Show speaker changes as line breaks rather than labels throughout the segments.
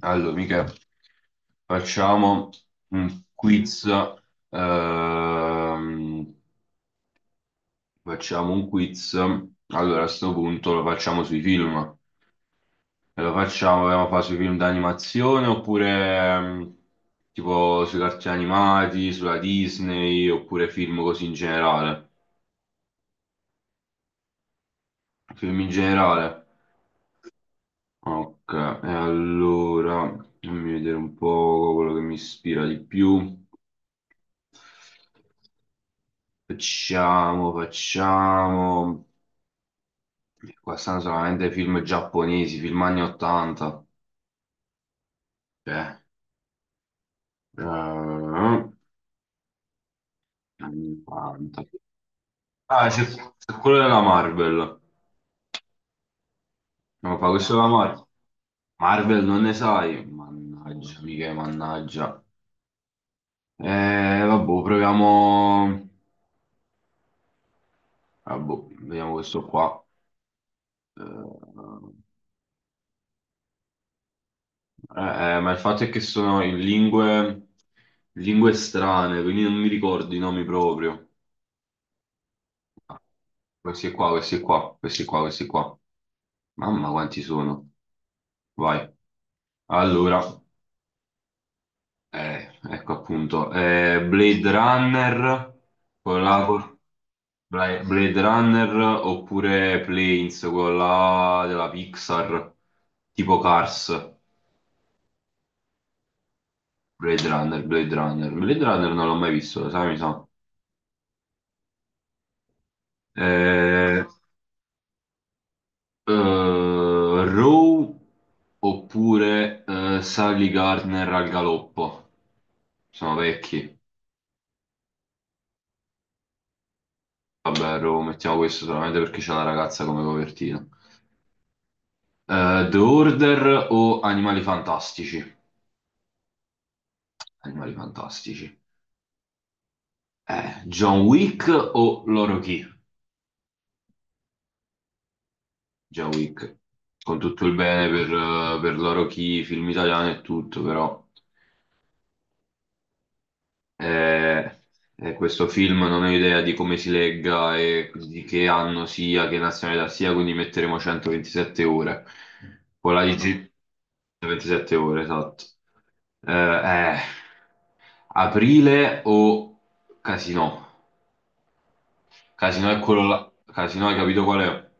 Allora, mica facciamo un quiz. ehm, Facciamo un quiz. Allora, a questo punto lo facciamo sui film. E lo facciamo, vogliamo fare sui film d'animazione oppure tipo sui cartoni animati, sulla Disney, oppure film così in generale. Film in generale. Ok, e allora fammi vedere un po' quello che mi ispira di più. Facciamo. Qua stanno solamente film giapponesi, film anni 80. Cioè, eh, anni 80. Ah, c'è quello della Marvel. No, fa questo della Marvel. Marvel non ne sai. Mannaggia, mica, mannaggia. Eh, Vabbè, proviamo. Vabbè, vediamo questo qua. Eh, ma il fatto è che sono in lingue, lingue strane, quindi non mi ricordo i nomi proprio. Questi qua, questi qua, questi qua, questi qua. Mamma quanti sono. Vai. Allora, ecco appunto. Blade Runner, con la Blade Runner oppure Planes, con la della Pixar, tipo Cars. Blade Runner, Blade Runner. Blade Runner non l'ho mai visto, lo sai, mi sa. Eh, Row oppure Sally Gardner al galoppo. Sono vecchi. Vabbè, lo mettiamo questo solamente perché c'è la ragazza come copertina. The Order o Animali Fantastici? Animali Fantastici. John Wick o Loro Chi? John Wick. Con tutto il bene per Loro Chi, film italiano e tutto, però eh, questo film non ho idea di come si legga e di che anno sia, che nazionalità sia, quindi metteremo 127 ore. No, no. Polarizzate 27 ore, esatto. Eh, eh. Aprile o Casino? Casino è quello là. Casino, hai capito qual è?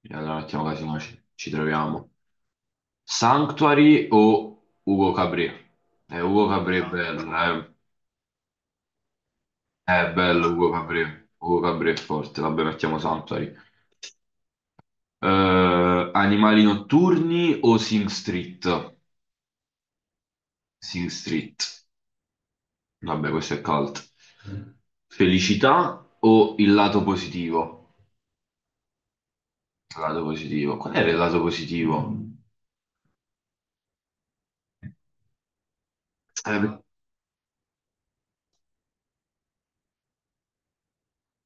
E allora mettiamo Casino, ci troviamo. Sanctuary o Ugo Cabré? Ugo Cabré è Santo, bello, È bello Ugo Cabré. Ugo Cabré è forte, vabbè, mettiamo Sanctuary. Animali notturni o Sing Street? Sing Street. Vabbè, questo è cult. Felicità o il lato positivo? Lato positivo. Qual era il lato positivo? Eh,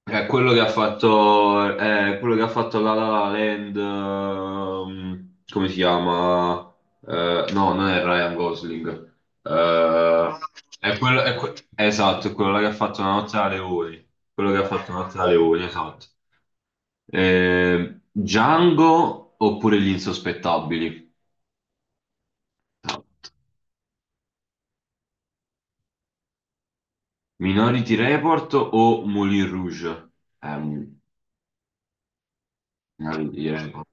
è quello che ha fatto, è quello che ha fatto La La La Land, come si chiama? No, non è Ryan Gosling. Eh, è quello, esatto, è quello là che ha fatto Una notte da leoni. Quello che ha fatto Una notte da leoni, esatto. Django oppure Gli insospettabili? Minority Report o Moulin Rouge? Eh, Minority Report.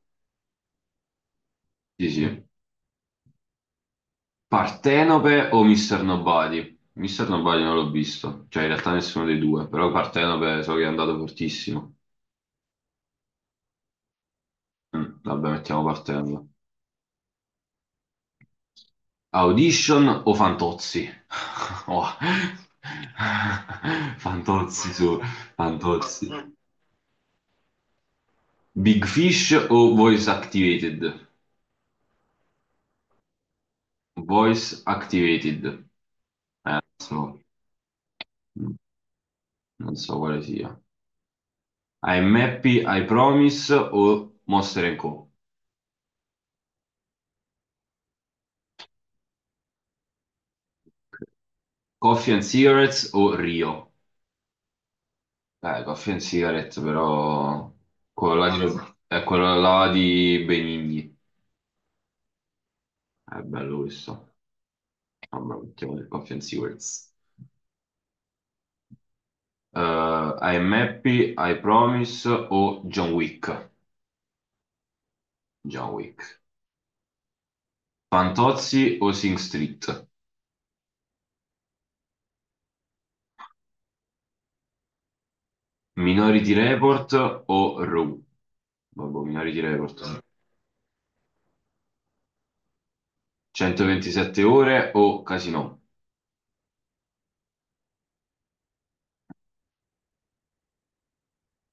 Sì, sì. Partenope o Mr. Nobody? Mr. Nobody non l'ho visto, cioè in realtà nessuno dei due, però Partenope so che è andato fortissimo. Mm, vabbè, mettiamo Partenope. Audition o Fantozzi? Oh. Fantozzi su, Fantozzi. Big Fish o Voice Activated? Voice Activated. So, mm, non so quale sia. I'm Happy, I Promise o Monster and Co. Coffee and Cigarettes o Rio? Coffee and Cigarettes, però quello là non lo di, so. È quello là di Benigni. È bello questo. Vabbè, mettiamo il Coffee and Cigarettes. Eh, I'm Happy, I Promise o John Wick? John Wick. Fantozzi o Sing Street? Minority Report o Raw? Vabbè, Minority Report. 127 ore o Casino?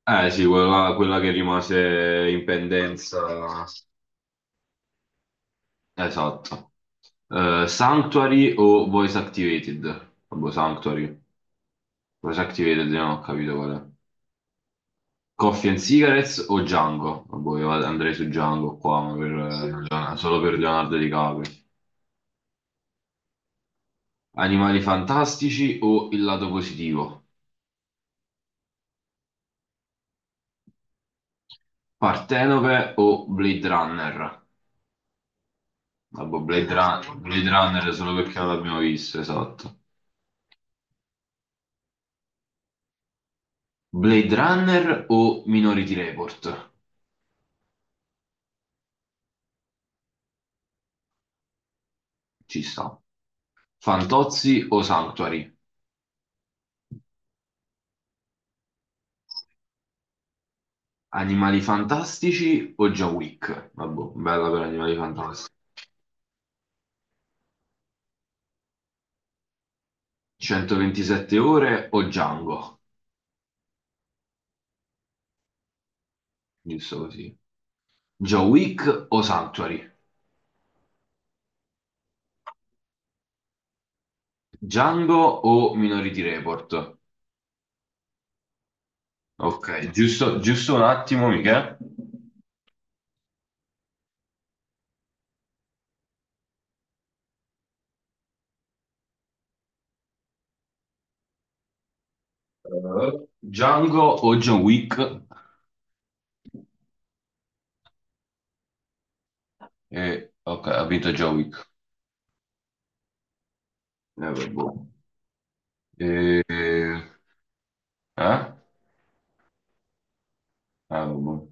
Eh sì, quella che rimase in pendenza. Esatto. Sanctuary o Voice Activated? Vabbè, Sanctuary. Voice Activated, non ho capito qual è. Coffee and Cigarettes o Django? Vabbè, andrei su Django qua, ma per, sì. Solo per Leonardo DiCaprio. Animali fantastici o il lato positivo? Partenope o Blade Runner? Vabbè, sono Blade Runner solo perché non l'abbiamo visto, esatto. Blade Runner o Minority Report? Ci sta. Fantozzi o Sanctuary? Animali Fantastici o John Wick? Vabbè, bella per Animali Fantastici. 127 ore o Django? Giusto così. John Wick o Sanctuary? Django o Minority Report? Ok, giusto, giusto un attimo, Michele. Django o John Wick? Ok, ha vinto John Wick. Vabbè. Eh, eh? Ah, robot.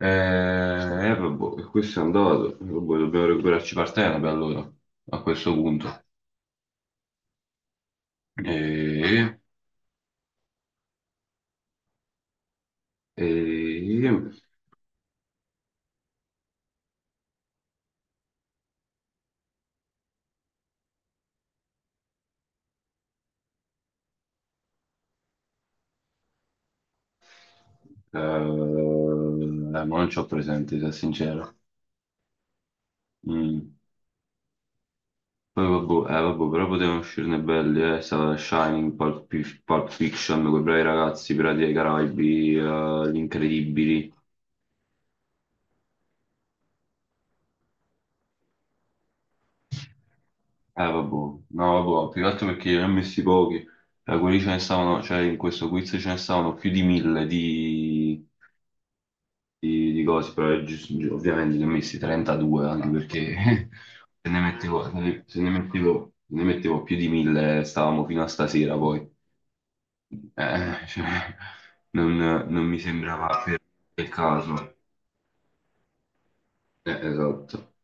Eh, è il robot, e questo è andato. Il robot, dobbiamo recuperarci Partenope per allora, a questo punto. E, e- eh, non ci ho presenti, se sincero. Mm. Poi vabbè, vabbè, però potevano uscirne belli, eh. Stava Shining, Pulp Fiction, quei bravi ragazzi, Pirati dei Caraibi, Gli Incredibili. Vabbè, no, vabbè, più che altro perché ne ho messi pochi. Quelli ce ne stavano, cioè in questo quiz ce ne stavano più di mille di, di cose, però ovviamente ne ho messi 32, anche perché se ne mettevo, se ne, se ne mettevo, se ne mettevo più di mille stavamo fino a stasera poi. Eh, cioè, non mi sembrava per il caso. Esatto.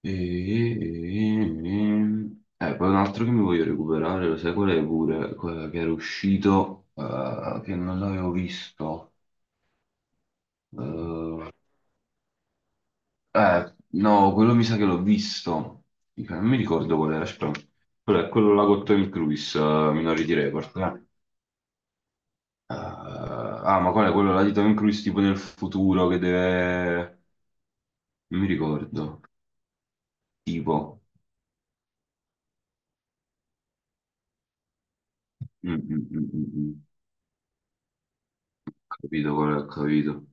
E, e- poi un altro che mi voglio recuperare, lo sai qual è pure? Quella che era uscito, che non l'avevo visto. Eh, no, quello mi sa che l'ho visto. Non mi ricordo qual era, aspetta. Quello è quello là con Tom Cruise, Minority Report. Ah, ma qual è quello là di Tom Cruise tipo nel futuro che deve... Non mi ricordo. Tipo... Mm, mm, mm, mm, mm. Capito, qual è, ho capito.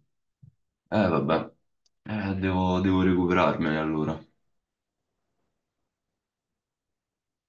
Vabbè. Devo recuperarmene allora.